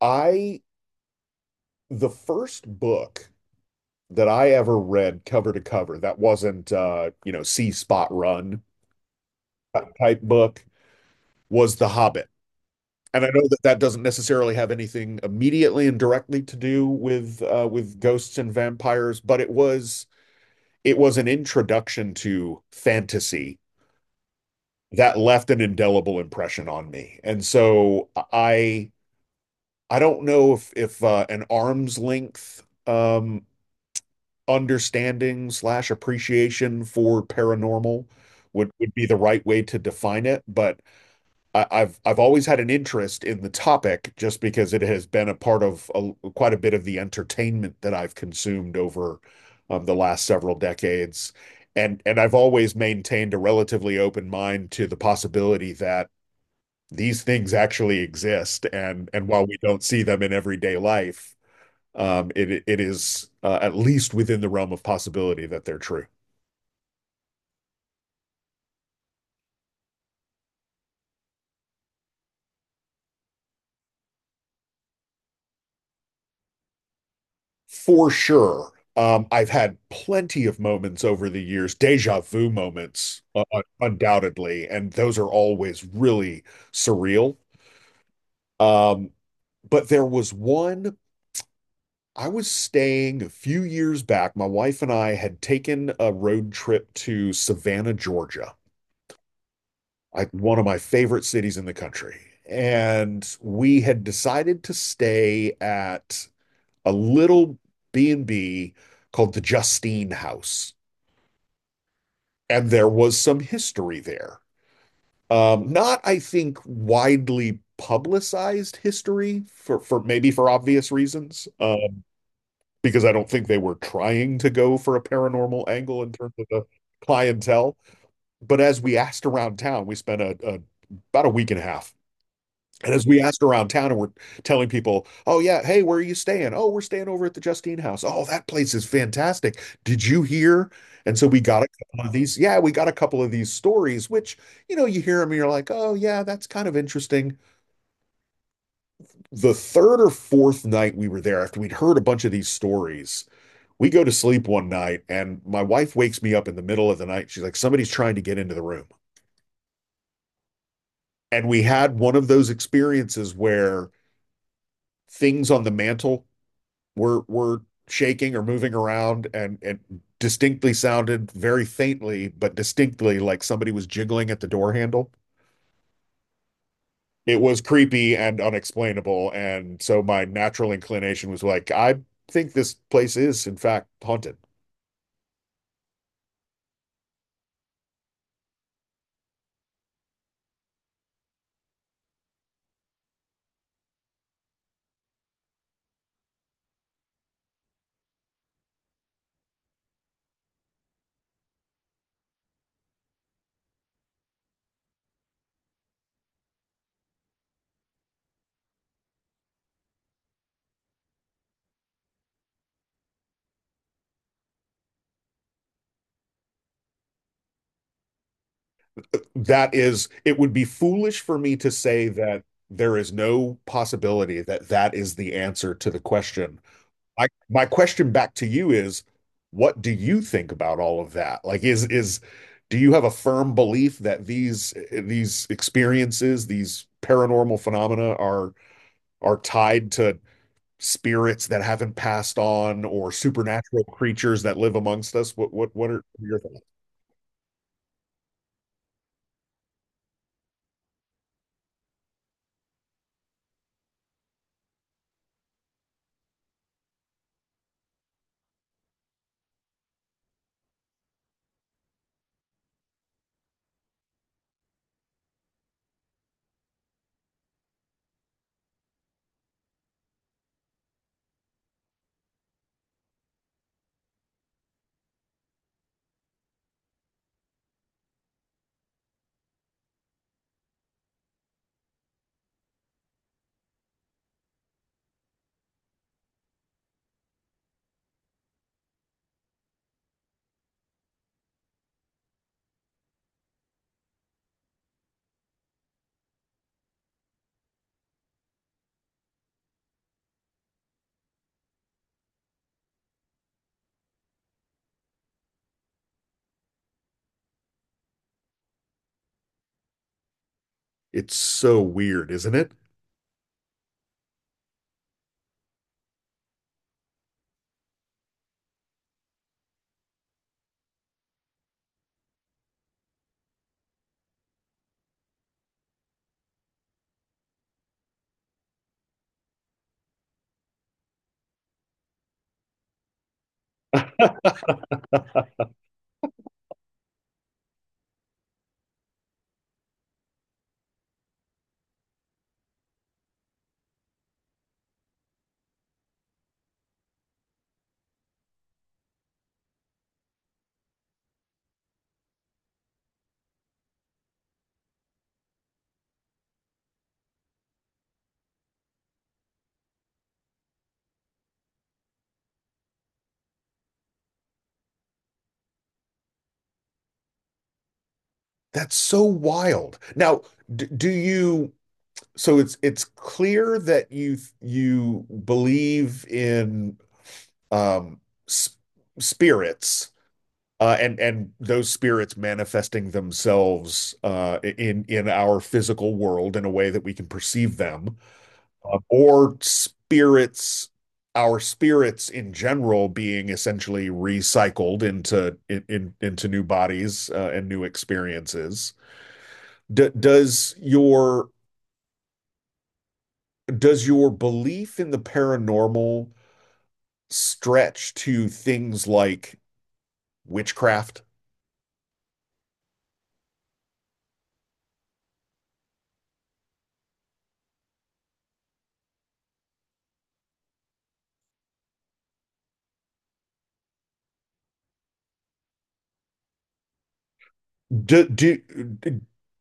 I the first book that I ever read cover to cover that wasn't see spot run type book was The Hobbit. And I know that that doesn't necessarily have anything immediately and directly to do with ghosts and vampires, but it was an introduction to fantasy that left an indelible impression on me. And so I don't know if an arm's length understanding slash appreciation for paranormal would be the right way to define it. But I've always had an interest in the topic just because it has been a part of quite a bit of the entertainment that I've consumed over the last several decades. And I've always maintained a relatively open mind to the possibility that these things actually exist. And while we don't see them in everyday life, it is at least within the realm of possibility that they're true. For sure. I've had plenty of moments over the years, déjà vu moments, undoubtedly, and those are always really surreal. Um, But there was I was staying a few years back. My wife and I had taken a road trip to Savannah, Georgia, like one of my favorite cities in the country. And we had decided to stay at a little B&B called the Justine House. And there was some history there. Not, I think, widely publicized history for maybe for obvious reasons, because I don't think they were trying to go for a paranormal angle in terms of the clientele. But as we asked around town, we spent a about a week and a half. And as we asked around town and we're telling people, oh, yeah, hey, where are you staying? Oh, we're staying over at the Justine House. Oh, that place is fantastic. Did you hear? And so we got a couple of these. Yeah, we got a couple of these stories, which, you know, you hear them and you're like, oh, yeah, that's kind of interesting. The third or fourth night we were there, after we'd heard a bunch of these stories, we go to sleep one night and my wife wakes me up in the middle of the night. She's like, somebody's trying to get into the room. And we had one of those experiences where things on the mantle were shaking or moving around, and it distinctly sounded very faintly, but distinctly, like somebody was jiggling at the door handle. It was creepy and unexplainable. And so my natural inclination was like, I think this place is, in fact, haunted. That is, it would be foolish for me to say that there is no possibility that that is the answer to the question. My question back to you is, what do you think about all of that? Like, is do you have a firm belief that these experiences, these paranormal phenomena are tied to spirits that haven't passed on or supernatural creatures that live amongst us? What are your thoughts? It's so weird, isn't it? That's so wild. Now, d do you so it's clear that you believe in um, s- spirits and those spirits manifesting themselves in our physical world in a way that we can perceive them, or spirits, our spirits in general being essentially recycled into in into new bodies and new experiences. D does your belief in the paranormal stretch to things like witchcraft? Do, do,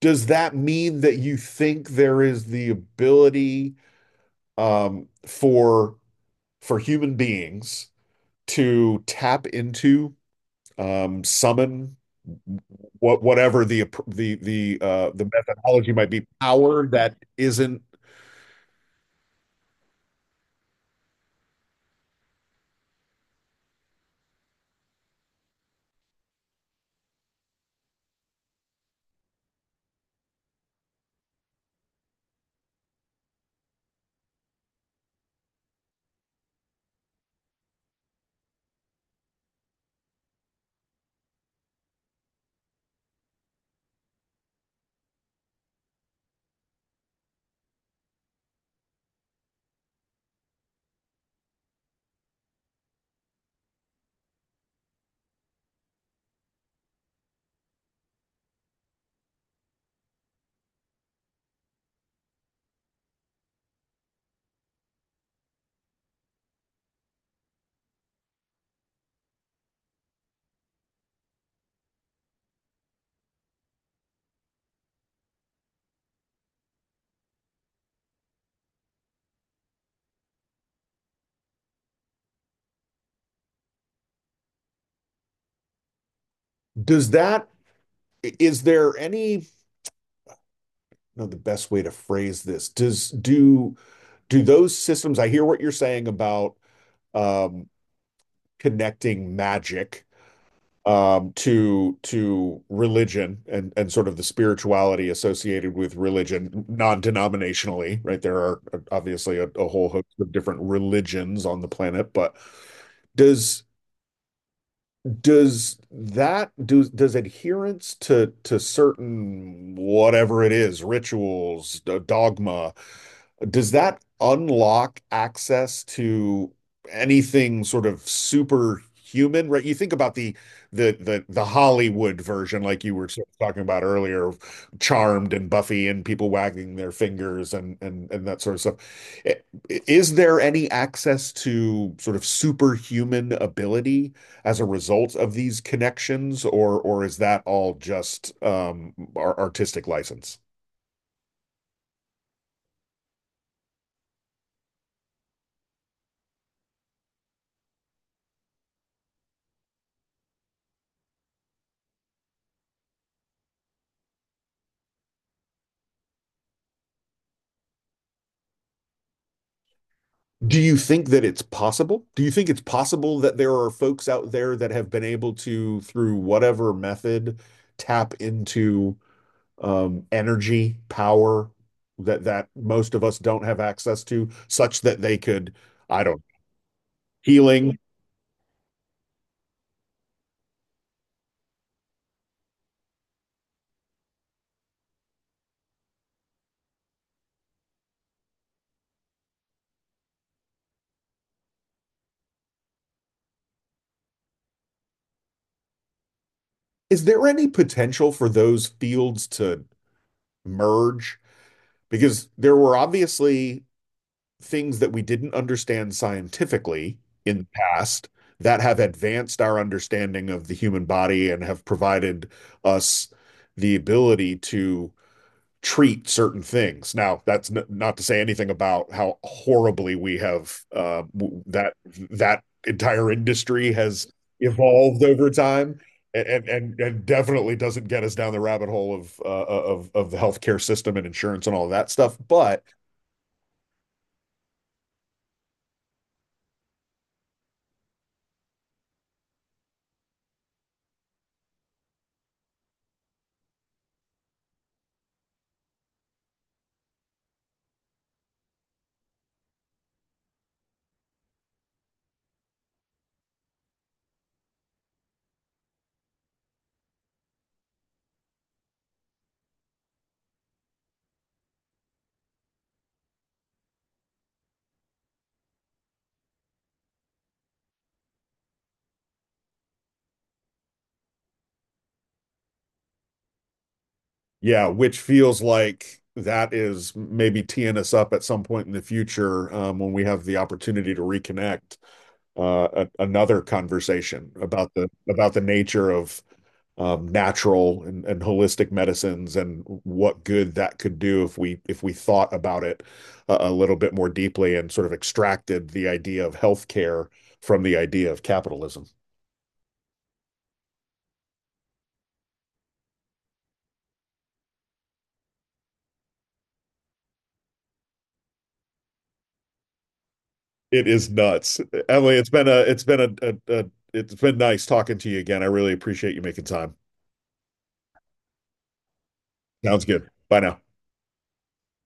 does that mean that you think there is the ability um, for for human beings to tap into summon whatever the methodology might be, power that isn't. Does that, is there any, no, the best way to phrase this, does do those systems, I hear what you're saying about um, connecting magic to religion and sort of the spirituality associated with religion non-denominationally, right? There are obviously a whole host of different religions on the planet, but does does that, do does adherence to certain whatever it is, rituals, dogma, does that unlock access to anything sort of superhuman? Right? You think about the Hollywood version, like you were sort of talking about earlier, of Charmed and Buffy and people wagging their fingers, and that sort of stuff. I- Is there any access to sort of superhuman ability as a result of these connections, or is that all just our artistic license? Do you think that it's possible? Do you think it's possible that there are folks out there that have been able to, through whatever method, tap into energy, power that that most of us don't have access to, such that they could, I don't know, healing. Is there any potential for those fields to merge? Because there were obviously things that we didn't understand scientifically in the past that have advanced our understanding of the human body and have provided us the ability to treat certain things. Now, that's n not to say anything about how horribly we have that that entire industry has evolved over time. And definitely doesn't get us down the rabbit hole of of the healthcare system and insurance and all of that stuff. But yeah, which feels like that is maybe teeing us up at some point in the future when we have the opportunity to reconnect another conversation about the nature of natural and holistic medicines and what good that could do if we thought about it a little bit more deeply and sort of extracted the idea of healthcare from the idea of capitalism. It is nuts. Emily, it's been a it's been nice talking to you again. I really appreciate you making time. Sounds good. Bye now.